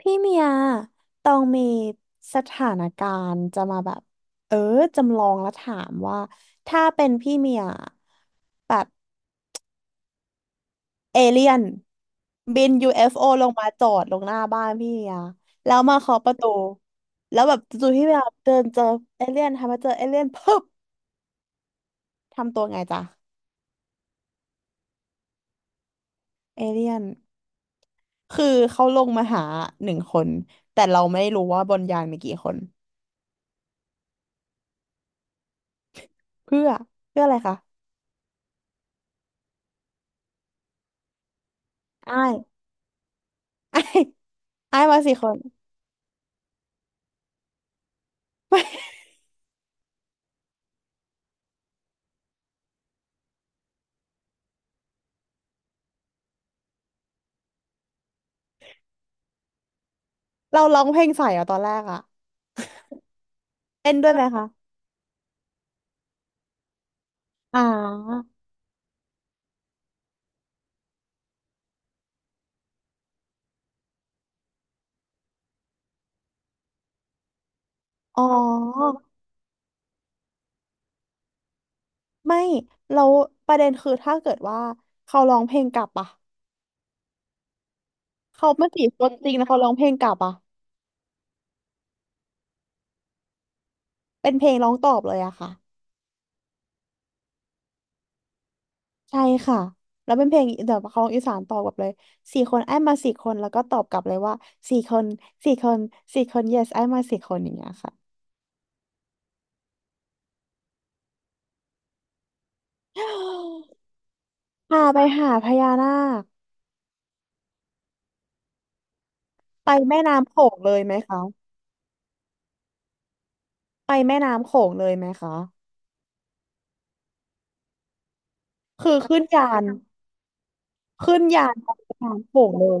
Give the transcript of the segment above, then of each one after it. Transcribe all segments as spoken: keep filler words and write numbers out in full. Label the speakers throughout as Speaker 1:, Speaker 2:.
Speaker 1: พี่เมียตองมีสถานการณ์จะมาแบบเออจำลองแล้วถามว่าถ้าเป็นพี่เมียแบบเอเลี่ยนบินยูเอฟ f อลงมาจอดลงหน้าบ้านพี่เมียแล้วมาเคาะประตูแล้วแบบจู่ๆพี่เมียเดินเจอเอเลี่ยนทำมาเจอเอเลี่ยนปึ๊บทำตัวไงจ๊ะเอเลี่ยนคือเขาลงมาหาหนึ่งคนแต่เราไม่รู้ว่าบนยานมีกี่คนเพื่อเพื่ออะไรคะอ้ายอ้ายอ้ายมาสี่คน เราร้องเพลงใส่เหรอะตอนแรกอะเต้นด้วยไหมคะอ่าอ๋อไม่ เราประเด็นคือถ้าเกิดว่าเขาร้องเพลงกลับอะเขาไม่จีบคนจริงนะเขาร้องเพลงกลับอะเป็นเพลงร้องตอบเลยอะค่ะใช่ค่ะแล้วเป็นเพลงแบบเขาร้องอีสานตอบกลับเลยสี่คนไอ้มาสี่คนแล้วก็ตอบกลับเลยว่าสี่คนสี่คนสี่คน yes ไอ้มาสี่คนอย่างเงี้ยค่ะพาไปหาพญานาคไปแม่น้ำโขงเลยไหมคะไปแม่น้ำโขงเลยไหมคะคือขึ้นยาน ขึ้นยานไปทางโป่งเลย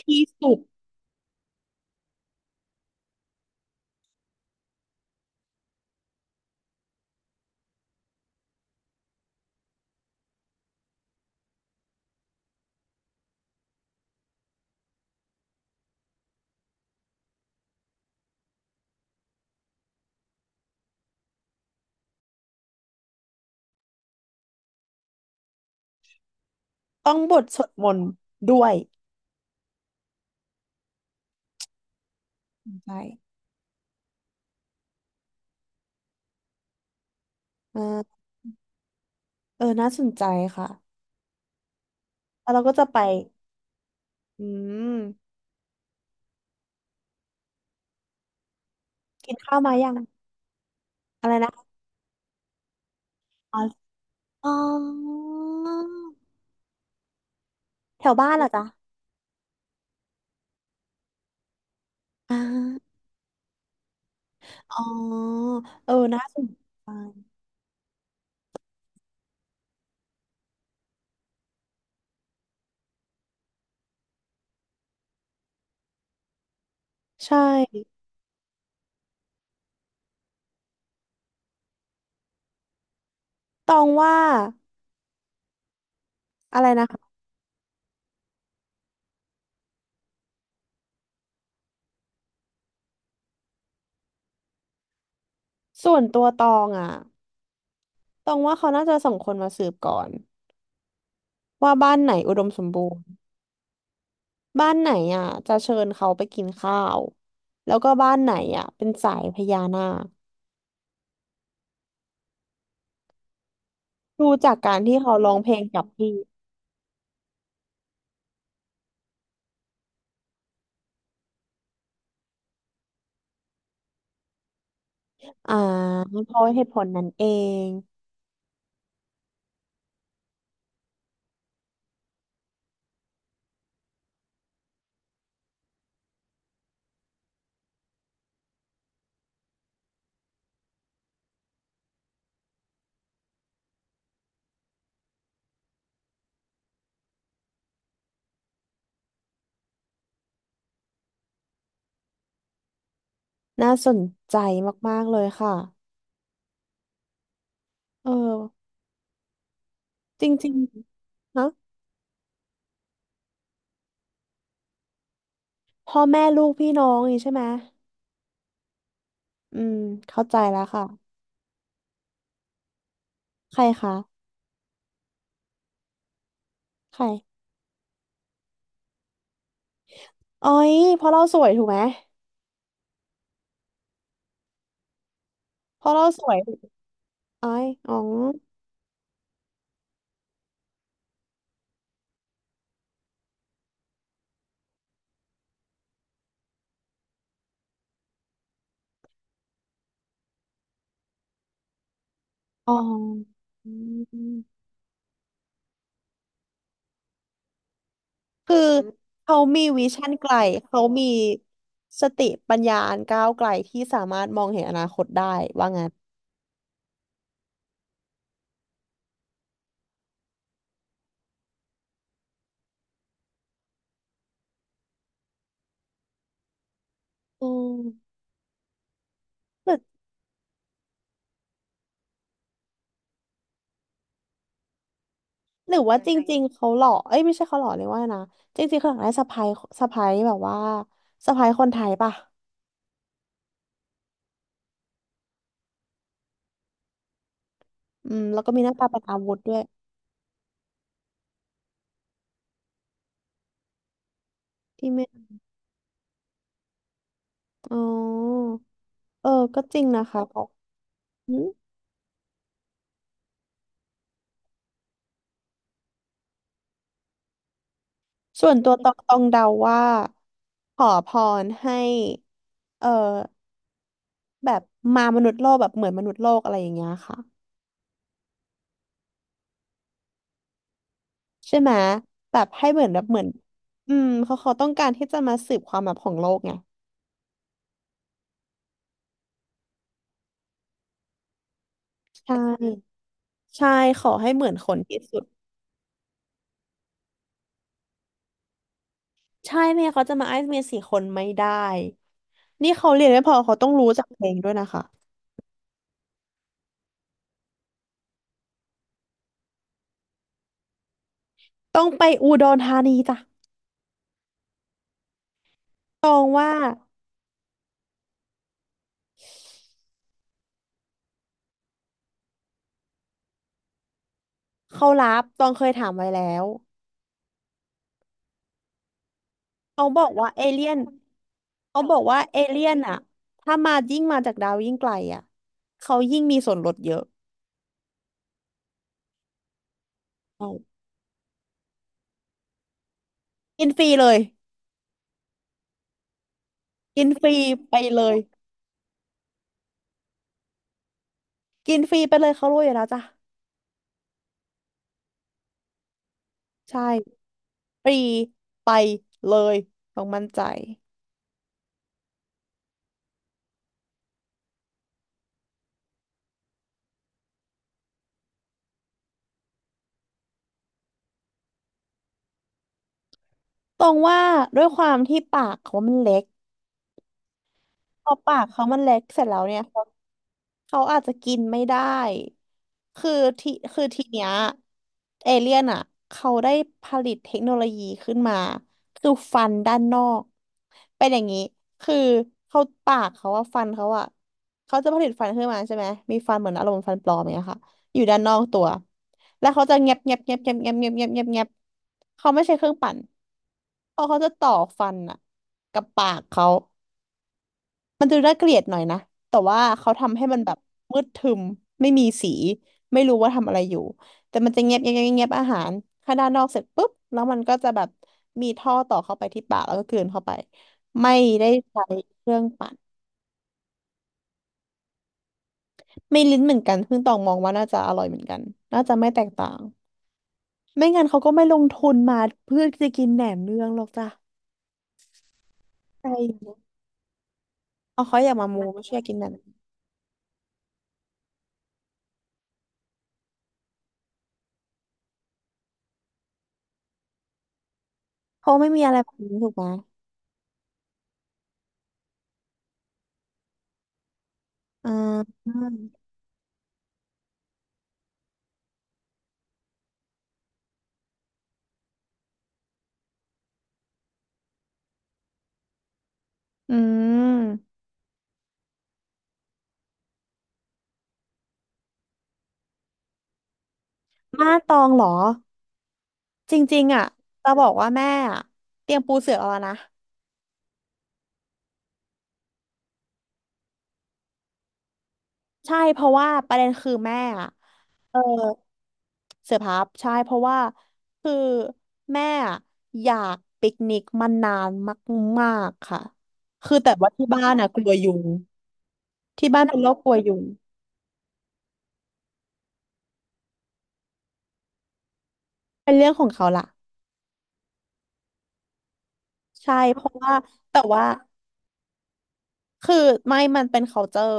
Speaker 1: ที่สุดต้องบทสวดมนต์ด้วยใช่เออเออน่าสนใจค่ะ แล้วเราก็จะไปอืมกินข้าวมายังอะไรนะอ๋ออ๋อแถวบ้านเหรอจ๊ะอ่าอ๋อเออน่าสนใจ ใช่ตองว่า อะไรนะคะ ส่วนตัวตองอ่ะตองว่าเขาน่าจะส่งคนมาสืบก่อนว่าบ้านไหนอุดมสมบูรณ์ บ้านไหนอ่ะจะเชิญเขาไปกินข้าว แล้วก็บ้านไหนอ่ะเป็นสายพญานาคดูจากการที่เขาร้องเพลงกับพี่ อ่าเพราะเหตุผลนั้นเองน่าสนใจมากๆเลยค่ะ เออจริงๆฮะพ่อแม่ลูกพี่น้องนี่ใช่ไหม อืมเข้าใจแล้วค่ะใครคะใครอ๋อยเพราะเราสวยถูกไหมเพราะเราสวยอ้อยอ๋ออ๋อ คือเขามีวิชั่นไกลเขามีสติปัญญาอันก้าวไกลที่สามารถมองเห็นอนาคตได้ว่างั้นอืมหรือหรือว่าจริงๆเขาหล่อเอ้ยไม่ใช่เขาหล่อเลยกว่านะจริงๆเขาอยากได้สะใภ้สะใภ้แบบว่าสะใภ้คนไทยป่ะอืมแล้วก็มีหน้าตาเป็นอาวุธด้วยที่ไม่อ๋อเออก็จริงนะคะเขาอืมส่วนตัวตองตองเดาว่าขอพรให้เออแบบมามนุษย์โลกแบบเหมือนมนุษย์โลกอะไรอย่างเงี้ยค่ะ ใช่ไหมแบบให้เหมือนแบบเหมือนอืมเขาเขาต้องการที่จะมาสืบความลับของโลกไงใช่ใช่ขอให้เหมือนคนที่สุดใช่ไม่งั้นเขาจะมาไอซ์เมียสี่คนไม่ได้นี่เขาเรียนไม่พอเขาต้องรู้จักเพลงด้วยนะคะต้องไปอุดรธานีจ้ะตองว่าเขารับตองเคยถามไว้แล้วเขาบอกว่าเอเลี่ยนเขาบอกว่าเอเลี่ยนอะถ้ามายิ่งมาจากดาวยิ่งไกลอะเขายิ่งมีส่วนลดเยอะใช่กินฟรีเลยกินฟรีไปเลย กินฟรีไปเลยเขารวยอยู่แล้วจ้ะใช่ฟรีไปเลยต้องมั่นใจตรงว่าด้วยความที่ปากเขามันเล็ก พอปากเขามันเล็กเสร็จแล้วเนี่ยเขาเขาอาจจะกินไม่ได้คือที่คือทีเนี้ยเอเลี่ยนอ่ะเขาได้ผลิตเทคโนโลยีขึ้นมาคือฟันด้านนอกเป็นอย่างนี้คือเขาปากเขาอะฟันเขาอะเขาจะผลิตฟันขึ้นมาใช่ไหมมีฟันเหมือนอารมณ์ฟันปลอมอย่างเงี้ยค่ะอยู่ด้านนอกตัวแล้วเขาจะเงียบเงียบเงียบเงียบเงียบเงียบเงียบเงียบเงียบเขาไม่ใช้เครื่องปั่นเพราะเขาจะต่อฟันอะกับปากเขา มันดูน่าเกลียดหน่อยนะแต่ว่าเขาทำให้มันแบบมืดทึมไม่มีสีไม่รู้ว่าทำอะไรอยู่ แต่มันจะเงียบเงียบเงียบเงียบอาหารข้างด้านนอกเสร็จปุ๊บแล้วมันก็จะแบบมีท่อต่อเข้าไปที่ปากแล้วก็กลืนเข้าไปไม่ได้ใช้เครื่องปั่นไม่ลิ้นเหมือนกันเพิ่งตองมองว่าน่าจะอร่อยเหมือนกันน่าจะไม่แตกต่างไม่งั้นเขาก็ไม่ลงทุนมาเพื่อจะกินแหนมเนืองหรอกจ้ะใช่เอาเขาอยากมามูไม่ใช่อยากกินแหนมเพราะไม่มีอะไรแบบนี้ถูกไหมอ่าอืม มานตองเหรอจริงๆอ่ะจะบอกว่าแม่อะเตรียมปูเสือเอาแล้วนะใช่เพราะว่าประเด็นคือแม่อะเออเสือพับใช่เพราะว่าคือแม่อะอยากปิกนิกมานานมากๆค่ะคือแต่ว่าที่บ้านอ่ะกลัวยุงที่บ้านเป็นโรคกลัวยุงเป็นเรื่องของเขาล่ะใช่เพราะว่าแต่ว่า คือไม่มันเป็น culture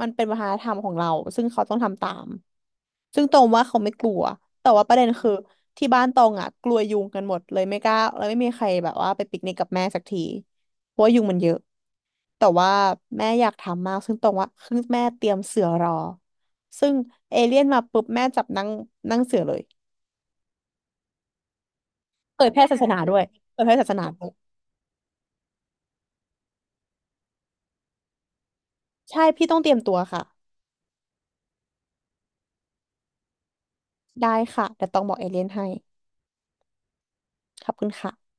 Speaker 1: มันเป็นวัฒนธรรมของเราซึ่งเขาต้องทำตามซึ่งตรงว่าเขาไม่กลัวแต่ว่าประเด็นคือที่บ้านตรงอ่ะกลัวยุงกันหมดเลยไม่กล้า แล้วไม่มีใครแบบว่าไปปิกนิกกับแม่สักทีเพราะว่ายุงมันเยอะแต่ว่าแม่อยากทำมากซึ่งตรงว่าคือแม่เตรียมเสือรอซึ่งเอเลี่ยนมาปุ๊บแม่จับนั่งนั่งเสือเลยเผยแพร่ศาสนาด้วยเผยแพร่ศาสนาด้วยใช่พี่ต้องเตรียมตัวค่ะได้ค่ะแต่ต้องบอกเอเลี่ยนให้ขอบคุณค่ะ